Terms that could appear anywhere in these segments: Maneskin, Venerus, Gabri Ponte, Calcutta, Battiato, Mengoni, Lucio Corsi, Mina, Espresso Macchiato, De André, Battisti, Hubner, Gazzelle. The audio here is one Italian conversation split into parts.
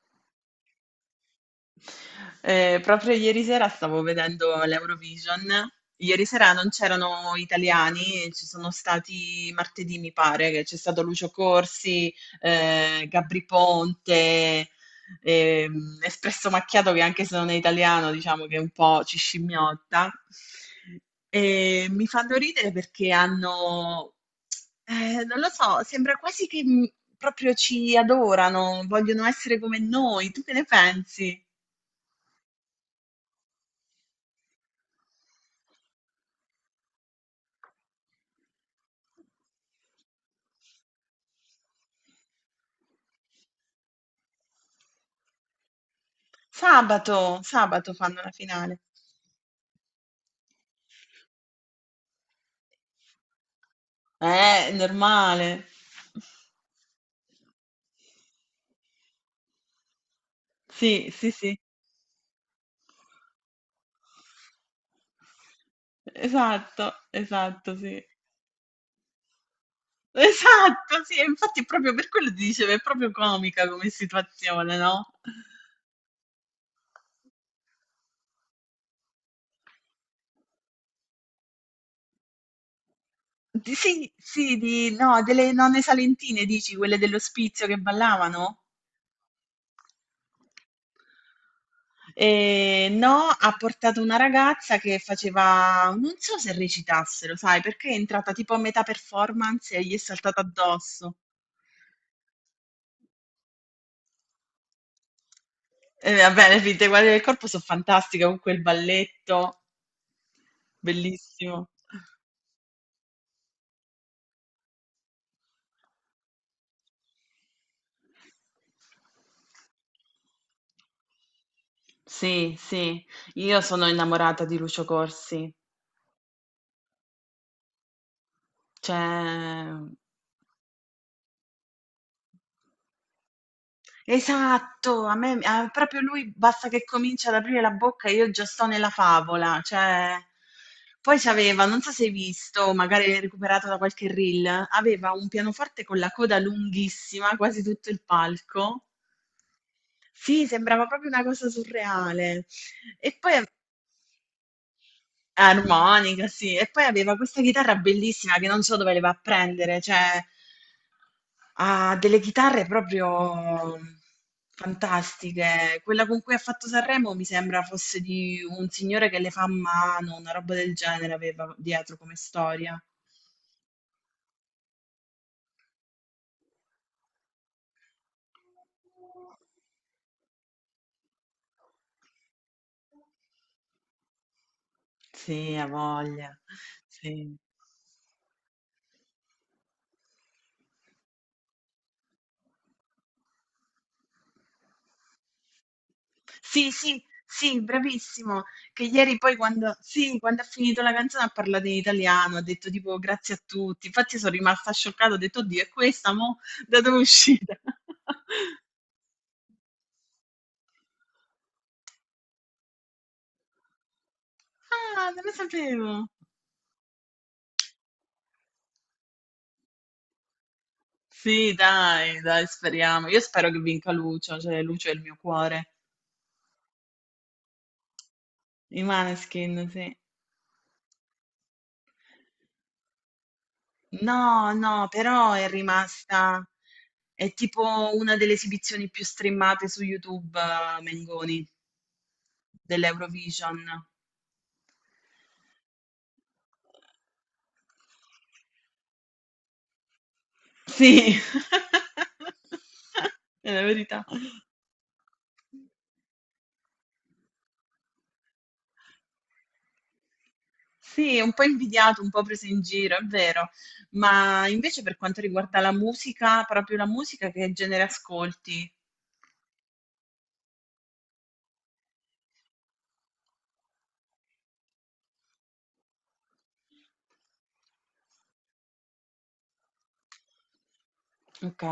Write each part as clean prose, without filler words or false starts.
Essa proprio ieri sera stavo vedendo l'Eurovision. Ieri sera non c'erano italiani, ci sono stati martedì, mi pare, che c'è stato Lucio Corsi, Gabri Ponte, Espresso Macchiato, che anche se non è italiano, diciamo che un po' ci scimmiotta. E mi fanno ridere perché hanno, non lo so, sembra quasi che proprio ci adorano, vogliono essere come noi. Tu che ne pensi? Sabato, sabato fanno la finale. È normale. Sì, sì, sì. Esatto, esatto, sì. Esatto, sì, e infatti è proprio per quello ti dicevo, è proprio comica come situazione, no? Sì, sì, di, no, delle nonne salentine, dici, quelle dell'ospizio che ballavano? No, ha portato una ragazza che faceva non so se recitassero, sai, perché è entrata tipo a metà performance e gli è saltata addosso. E vabbè, le finte guardie del corpo sono fantastiche con quel balletto, bellissimo. Sì, sì, io sono innamorata di Lucio Corsi. Cioè, Esatto, a me a proprio lui basta che comincia ad aprire la bocca e io già sto nella favola, cioè poi c'aveva, non so se hai visto, magari l'hai recuperato da qualche reel, aveva un pianoforte con la coda lunghissima, quasi tutto il palco. Sì, sembrava proprio una cosa surreale. E poi ave- armonica, sì, e poi aveva questa chitarra bellissima che non so dove le va a prendere, cioè ha delle chitarre proprio fantastiche. Quella con cui ha fatto Sanremo mi sembra fosse di un signore che le fa a mano, una roba del genere aveva dietro come storia. Sì, ha voglia. Sì. Sì, sì, sì, bravissimo. Che ieri poi quando, sì, quando ha finito la canzone ha parlato in italiano, ha detto tipo grazie a tutti. Infatti sono rimasta scioccata, ho detto, oddio, è questa, mo? Da dove è uscita? Ah, non lo sapevo. Sì, dai, dai, speriamo. Io spero che vinca Lucio, cioè Lucio è il mio cuore. I Maneskin, sì. No, no, però è rimasta... È tipo una delle esibizioni più streamate su YouTube, Mengoni, dell'Eurovision. Sì, è la verità. Sì, è un po' invidiato, un po' preso in giro, è vero. Ma invece per quanto riguarda la musica, proprio la musica, che genere ascolti? Ok.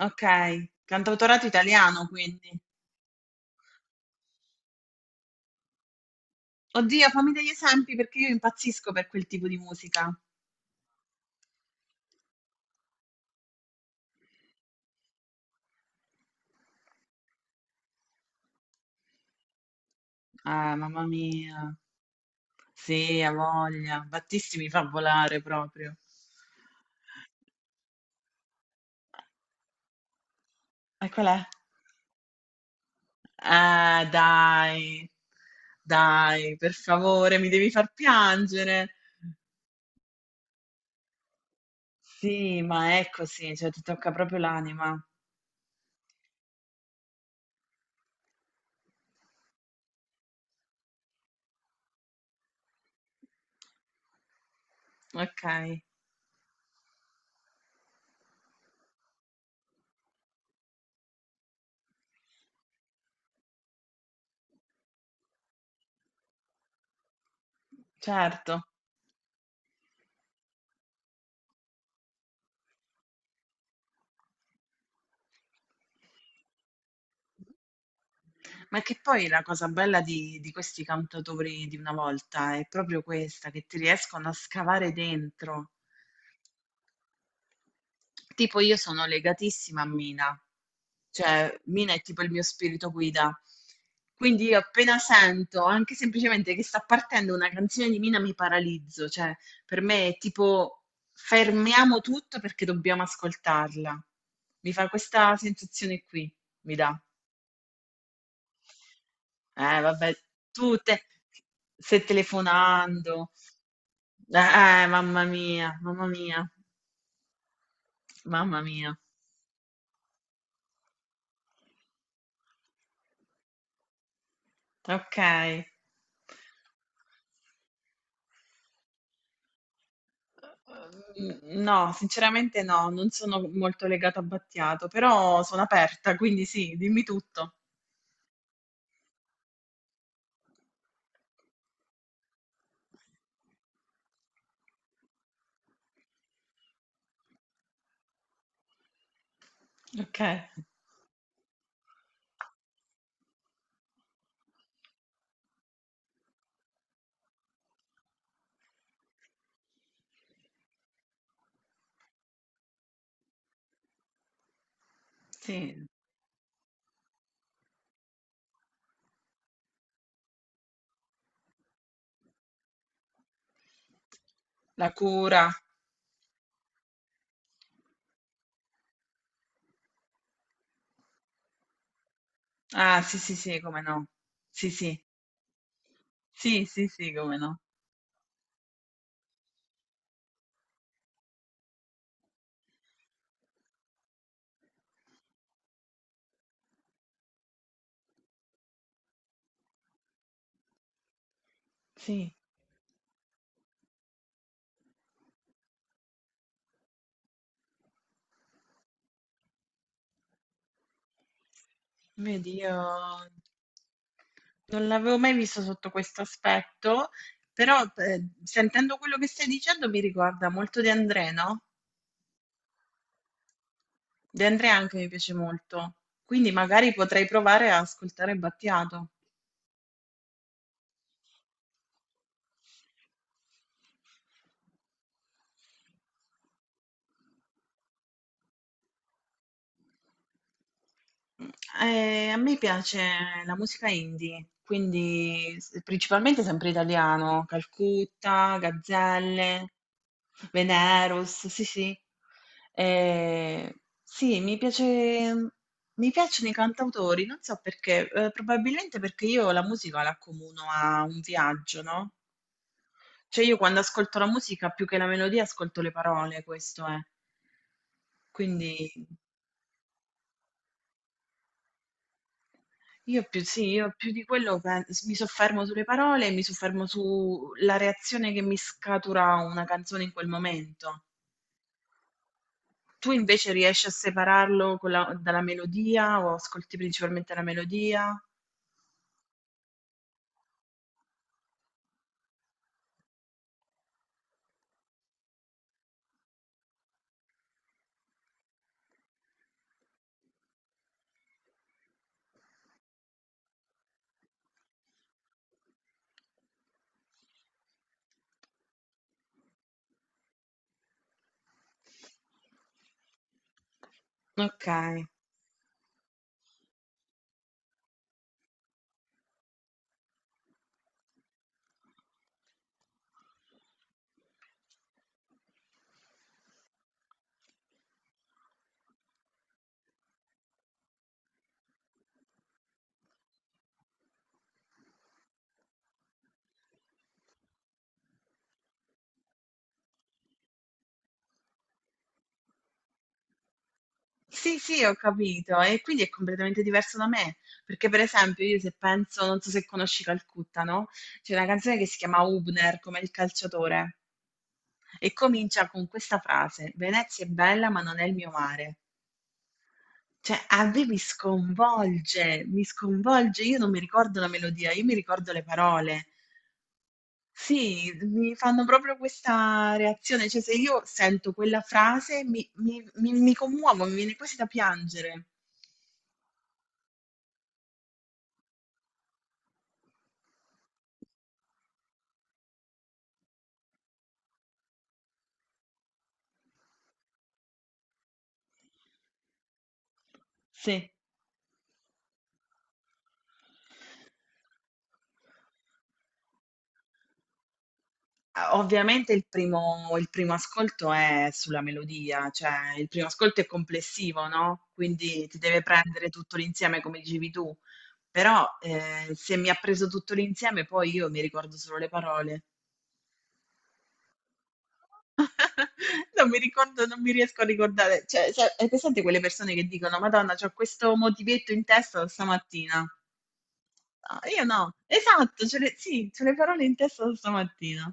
Ok, cantautorato italiano quindi. Oddio, fammi degli esempi perché io impazzisco per quel tipo di musica. Ah, mamma mia. Sì, ha voglia. Battisti mi fa volare proprio. E qual è? Dai, dai, per favore, mi devi far piangere. Sì, ma è così, cioè ti tocca proprio l'anima. Ok, certo. Mh. Ma che poi la cosa bella di questi cantautori di una volta è proprio questa, che ti riescono a scavare dentro. Tipo io sono legatissima a Mina, cioè Mina è tipo il mio spirito guida. Quindi io appena sento, anche semplicemente che sta partendo una canzone di Mina, mi paralizzo, cioè per me è tipo fermiamo tutto perché dobbiamo ascoltarla. Mi fa questa sensazione qui, mi dà. Eh vabbè, tu te stai telefonando. Mamma mia, mamma mia, mamma mia. Ok. Mm, no, sinceramente no, non sono molto legata a Battiato, però sono aperta, quindi sì, dimmi tutto. Ok. Sì, la cura. Ah, sì, sì, sì, come no. Sì, sì. Sì, sì, sì, come no. Sì. Vedi, io non l'avevo mai visto sotto questo aspetto, però sentendo quello che stai dicendo mi ricorda molto De André, no? De André anche mi piace molto, quindi magari potrei provare a ascoltare Battiato. Mh, a me piace la musica indie, quindi s principalmente sempre italiano, Calcutta, Gazzelle, Venerus, sì, sì. Ehm, sì, mi piacciono i cantautori, non so perché, probabilmente perché io la musica la accomuno a un viaggio, no, cioè io quando ascolto la musica più che la melodia ascolto le parole, questo è. Quindi io più, sì, io più di quello mi soffermo sulle parole, mi soffermo sulla reazione che mi scatura una canzone in quel momento. Tu invece riesci a separarlo con dalla melodia o ascolti principalmente la melodia? Ok. Sì, sì, ho capito. E quindi è completamente diverso da me. Perché, per esempio, io se penso, non so se conosci Calcutta, no? C'è una canzone che si chiama Hubner, come il calciatore, e comincia con questa frase: Venezia è bella, ma non è il mio mare. Cioè, a me mi sconvolge, mi sconvolge. Io non mi ricordo la melodia, io mi ricordo le parole. Sì, mi fanno proprio questa reazione. Cioè, se io sento quella frase mi commuovo, mi viene quasi da piangere. Sì. Ah, ovviamente il primo ascolto è sulla melodia, cioè il primo ascolto è complessivo, no? Quindi ti deve prendere tutto l'insieme, come dicevi tu. Però se mi ha preso tutto l'insieme, poi io mi ricordo solo le parole. Non mi ricordo, non mi riesco a ricordare. Cioè, sai, hai presente quelle persone che dicono: Madonna, c'ho questo motivetto in testa da stamattina. Ah, io no. Esatto, ce le, sì, c'ho le parole in testa da stamattina.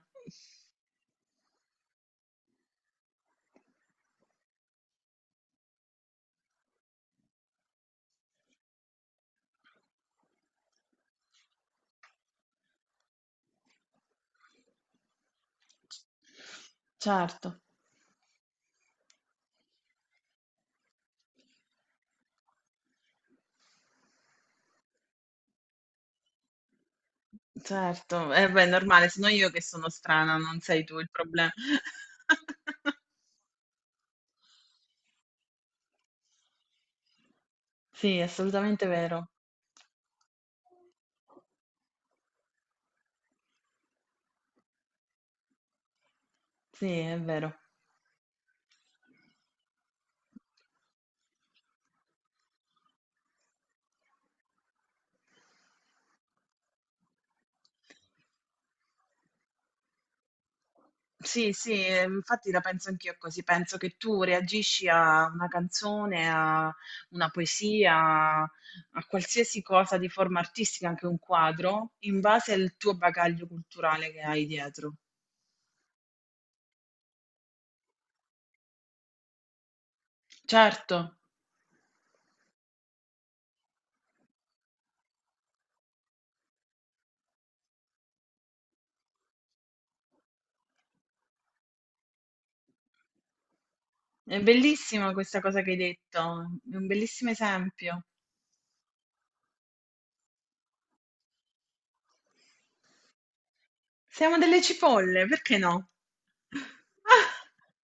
Certo, certo. Eh beh, è normale, sono io che sono strana, non sei tu il problema. Sì, è assolutamente vero. Sì, è vero. Sì, sì, infatti la penso anch'io così, penso che tu reagisci a una canzone, a una poesia, a qualsiasi cosa di forma artistica, anche un quadro, in base al tuo bagaglio culturale che hai dietro. Certo, è bellissima questa cosa che hai detto, è un bellissimo esempio. Siamo delle cipolle, perché no?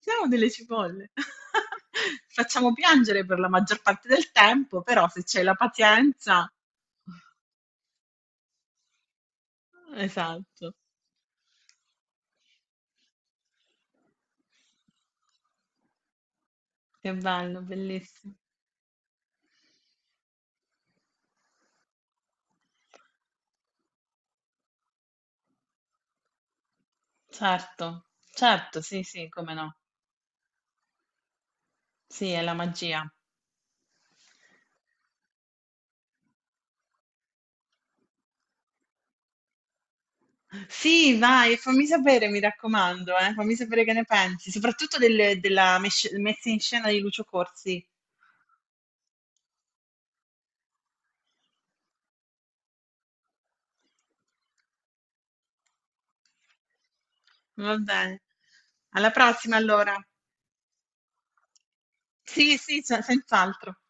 Siamo delle cipolle. Facciamo piangere per la maggior parte del tempo, però se c'è la pazienza... Esatto, che bello, bellissimo. Certo, certo, sì, sì, come no. Sì, è la magia. Sì, vai, fammi sapere, mi raccomando, fammi sapere che ne pensi, soprattutto della messa in scena di Lucio Corsi. Va bene. Alla prossima allora. Sì, sì, senz'altro.